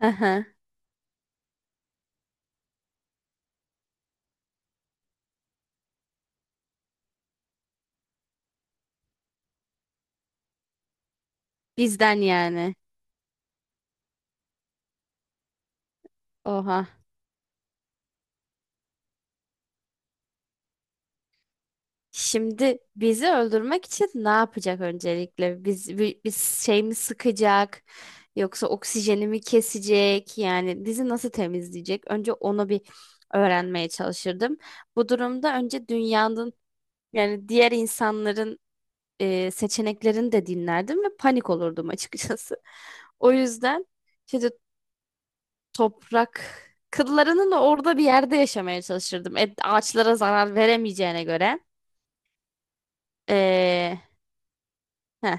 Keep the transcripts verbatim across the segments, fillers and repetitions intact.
Hı hı. Bizden yani. Oha. Şimdi bizi öldürmek için ne yapacak öncelikle? Biz, bi- biz şey mi sıkacak? Yoksa oksijenimi kesecek? Yani bizi nasıl temizleyecek? Önce onu bir öğrenmeye çalışırdım. Bu durumda önce dünyanın yani diğer insanların e, seçeneklerini de dinlerdim ve panik olurdum açıkçası. O yüzden şimdi toprak kıllarının orada bir yerde yaşamaya çalışırdım. E, ağaçlara zarar veremeyeceğine göre. Ee, heh,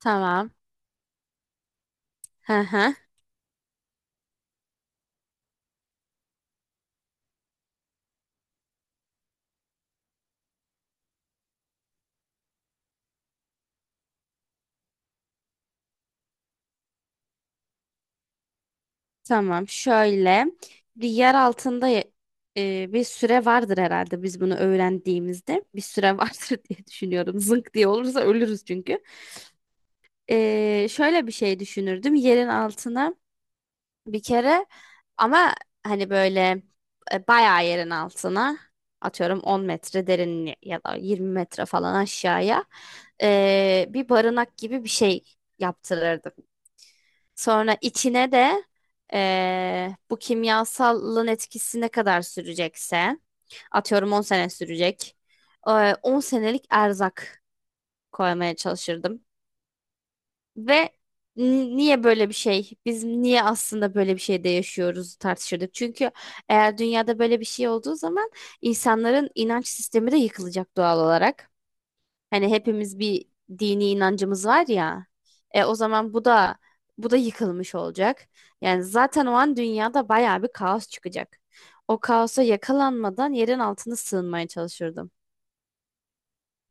tamam. Hı hı. Tamam. Şöyle bir yer altında ya- e, bir süre vardır herhalde biz bunu öğrendiğimizde. Bir süre vardır diye düşünüyorum. Zınk diye olursa ölürüz çünkü. Ee, şöyle bir şey düşünürdüm. Yerin altına bir kere ama hani böyle e, bayağı yerin altına, atıyorum on metre derin ya da yirmi metre falan aşağıya, e, bir barınak gibi bir şey yaptırırdım. Sonra içine de eee, bu kimyasalın etkisi ne kadar sürecekse, atıyorum on sene sürecek, eee, on senelik erzak koymaya çalışırdım. Ve n- niye böyle bir şey? Biz niye aslında böyle bir şeyde yaşıyoruz tartışıyorduk. Çünkü eğer dünyada böyle bir şey olduğu zaman insanların inanç sistemi de yıkılacak doğal olarak. Hani hepimiz bir dini inancımız var ya. E, o zaman bu da bu da yıkılmış olacak. Yani zaten o an dünyada bayağı bir kaos çıkacak. O kaosa yakalanmadan yerin altına sığınmaya çalışırdım.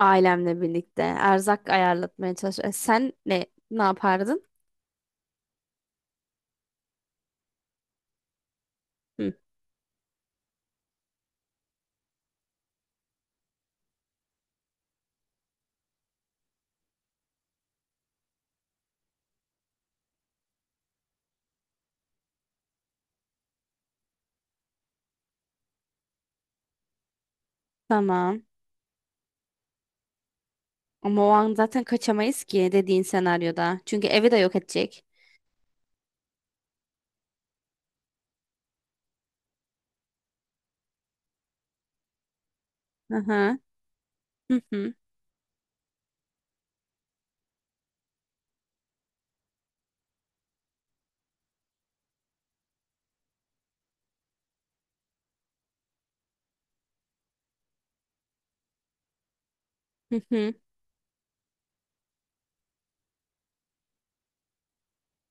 Ailemle birlikte erzak ayarlatmaya çalışırdım. E, sen ne ne yapardın? Hı. Tamam. Ama o an zaten kaçamayız ki dediğin senaryoda. Çünkü evi de yok edecek. Hı hı. Hı hı. Hı hı.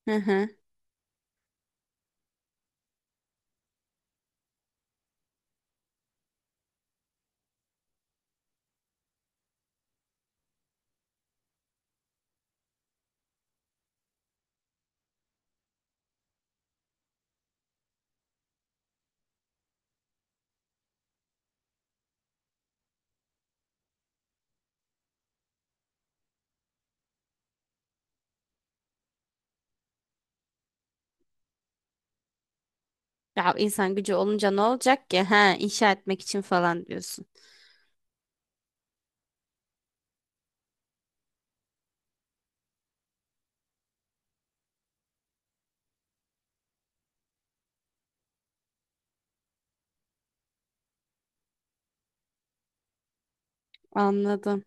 Hı hı. Ya insan gücü olunca ne olacak ki? Ha, inşa etmek için falan diyorsun. Anladım.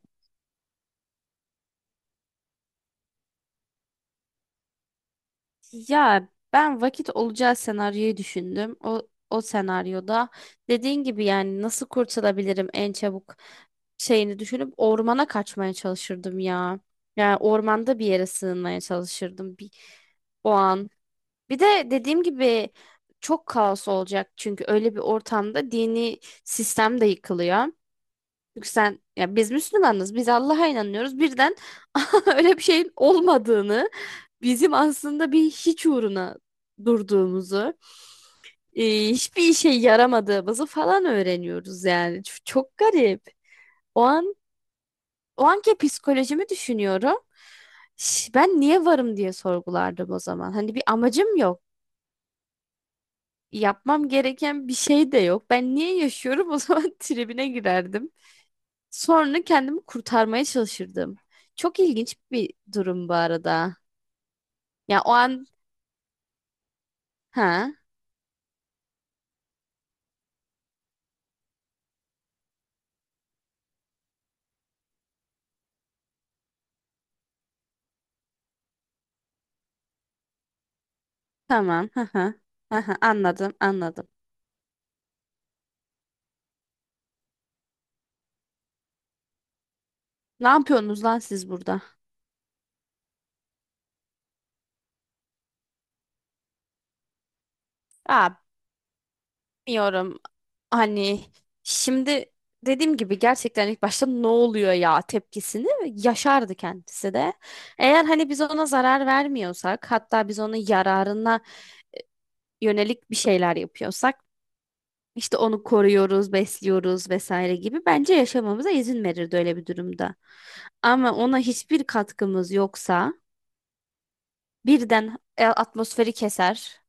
Ya ben vakit olacağı senaryoyu düşündüm. O o senaryoda dediğin gibi yani nasıl kurtulabilirim en çabuk şeyini düşünüp ormana kaçmaya çalışırdım ya. Yani ormanda bir yere sığınmaya çalışırdım bir o an. Bir de dediğim gibi çok kaos olacak çünkü öyle bir ortamda dini sistem de yıkılıyor. Çünkü sen, ya biz Müslümanız, biz Allah'a inanıyoruz. Birden öyle bir şeyin olmadığını, bizim aslında bir hiç uğruna durduğumuzu, e, hiçbir işe yaramadığımızı falan öğreniyoruz yani. Ç- Çok garip. O an, o anki psikolojimi düşünüyorum. Ş- Ben niye varım diye sorgulardım o zaman. Hani bir amacım yok. Yapmam gereken bir şey de yok. Ben niye yaşıyorum o zaman tribine girerdim. Sonra kendimi kurtarmaya çalışırdım. Çok ilginç bir durum bu arada. Ya o an, ha. Tamam. Hı hı. Hı hı. Anladım, anladım. Ne yapıyorsunuz lan siz burada? Aa, bilmiyorum. Hani şimdi dediğim gibi gerçekten ilk başta "ne oluyor ya" tepkisini yaşardı kendisi de. Eğer hani biz ona zarar vermiyorsak, hatta biz onun yararına yönelik bir şeyler yapıyorsak, işte onu koruyoruz, besliyoruz vesaire gibi, bence yaşamamıza izin verirdi öyle bir durumda. Ama ona hiçbir katkımız yoksa birden e, atmosferi keser.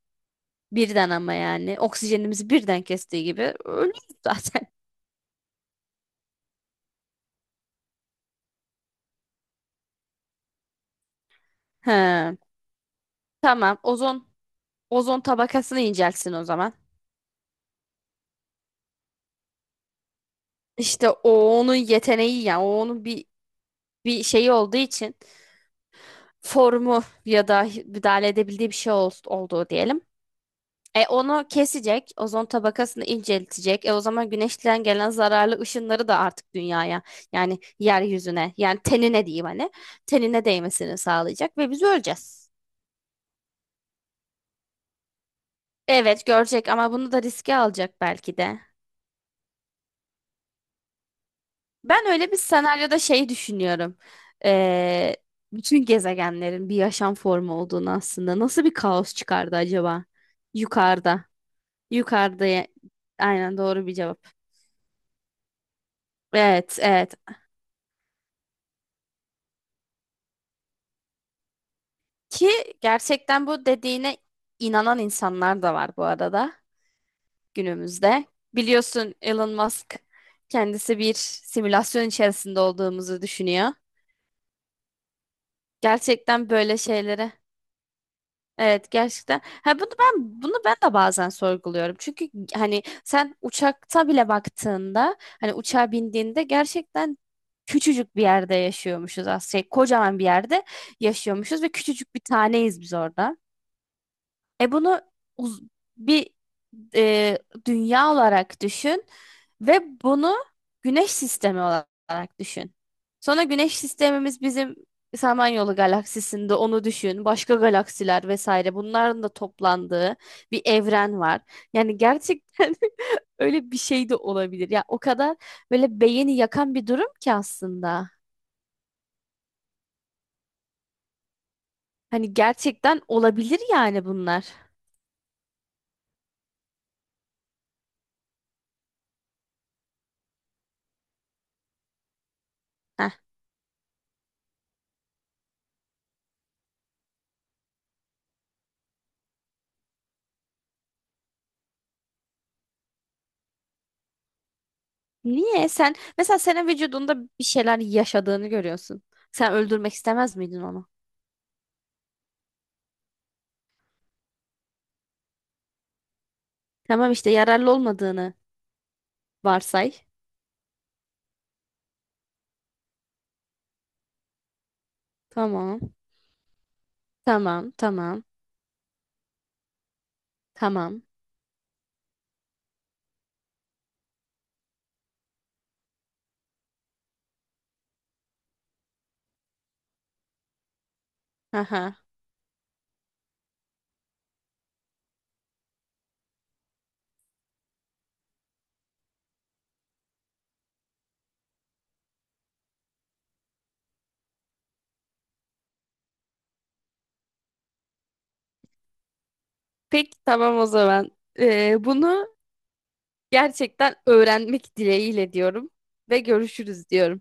Birden, ama yani oksijenimizi birden kestiği gibi ölürüz zaten. He. Tamam. Ozon ozon tabakasını incelsin o zaman. İşte o, onun yeteneği, yani o onun bir bir şeyi olduğu için, formu ya da müdahale edebildiği bir şey ol- olduğu diyelim. E onu kesecek, ozon tabakasını inceltecek. E o zaman güneşten gelen zararlı ışınları da artık dünyaya, yani yeryüzüne, yani tenine diyeyim hani, tenine değmesini sağlayacak ve biz öleceğiz. Evet, görecek ama bunu da riske alacak belki de. Ben öyle bir senaryoda şey düşünüyorum. Ee, bütün gezegenlerin bir yaşam formu olduğunu aslında. Nasıl bir kaos çıkardı acaba? Yukarıda. Yukarıda. ya- Aynen, doğru bir cevap. Evet, evet. Ki gerçekten bu dediğine inanan insanlar da var bu arada günümüzde. Biliyorsun Elon Musk kendisi bir simülasyon içerisinde olduğumuzu düşünüyor. Gerçekten böyle şeylere. Evet, gerçekten. Ha, bunu ben bunu ben de bazen sorguluyorum. Çünkü hani sen uçakta bile baktığında, hani uçağa bindiğinde gerçekten küçücük bir yerde yaşıyormuşuz aslında. Şey, kocaman bir yerde yaşıyormuşuz ve küçücük bir taneyiz biz orada. E bunu uz- bir e, dünya olarak düşün ve bunu güneş sistemi olarak düşün. Sonra güneş sistemimiz bizim, Samanyolu galaksisinde, onu düşün. Başka galaksiler vesaire, bunların da toplandığı bir evren var. Yani gerçekten öyle bir şey de olabilir. Ya o kadar böyle beyni yakan bir durum ki aslında. Hani gerçekten olabilir yani bunlar. Heh. Niye? Sen mesela senin vücudunda bir şeyler yaşadığını görüyorsun. Sen öldürmek istemez miydin onu? Tamam, işte yararlı olmadığını varsay. Tamam. Tamam. Tamam. Tamam. Haha. Peki tamam o zaman. Ee, bunu gerçekten öğrenmek dileğiyle diyorum ve görüşürüz diyorum.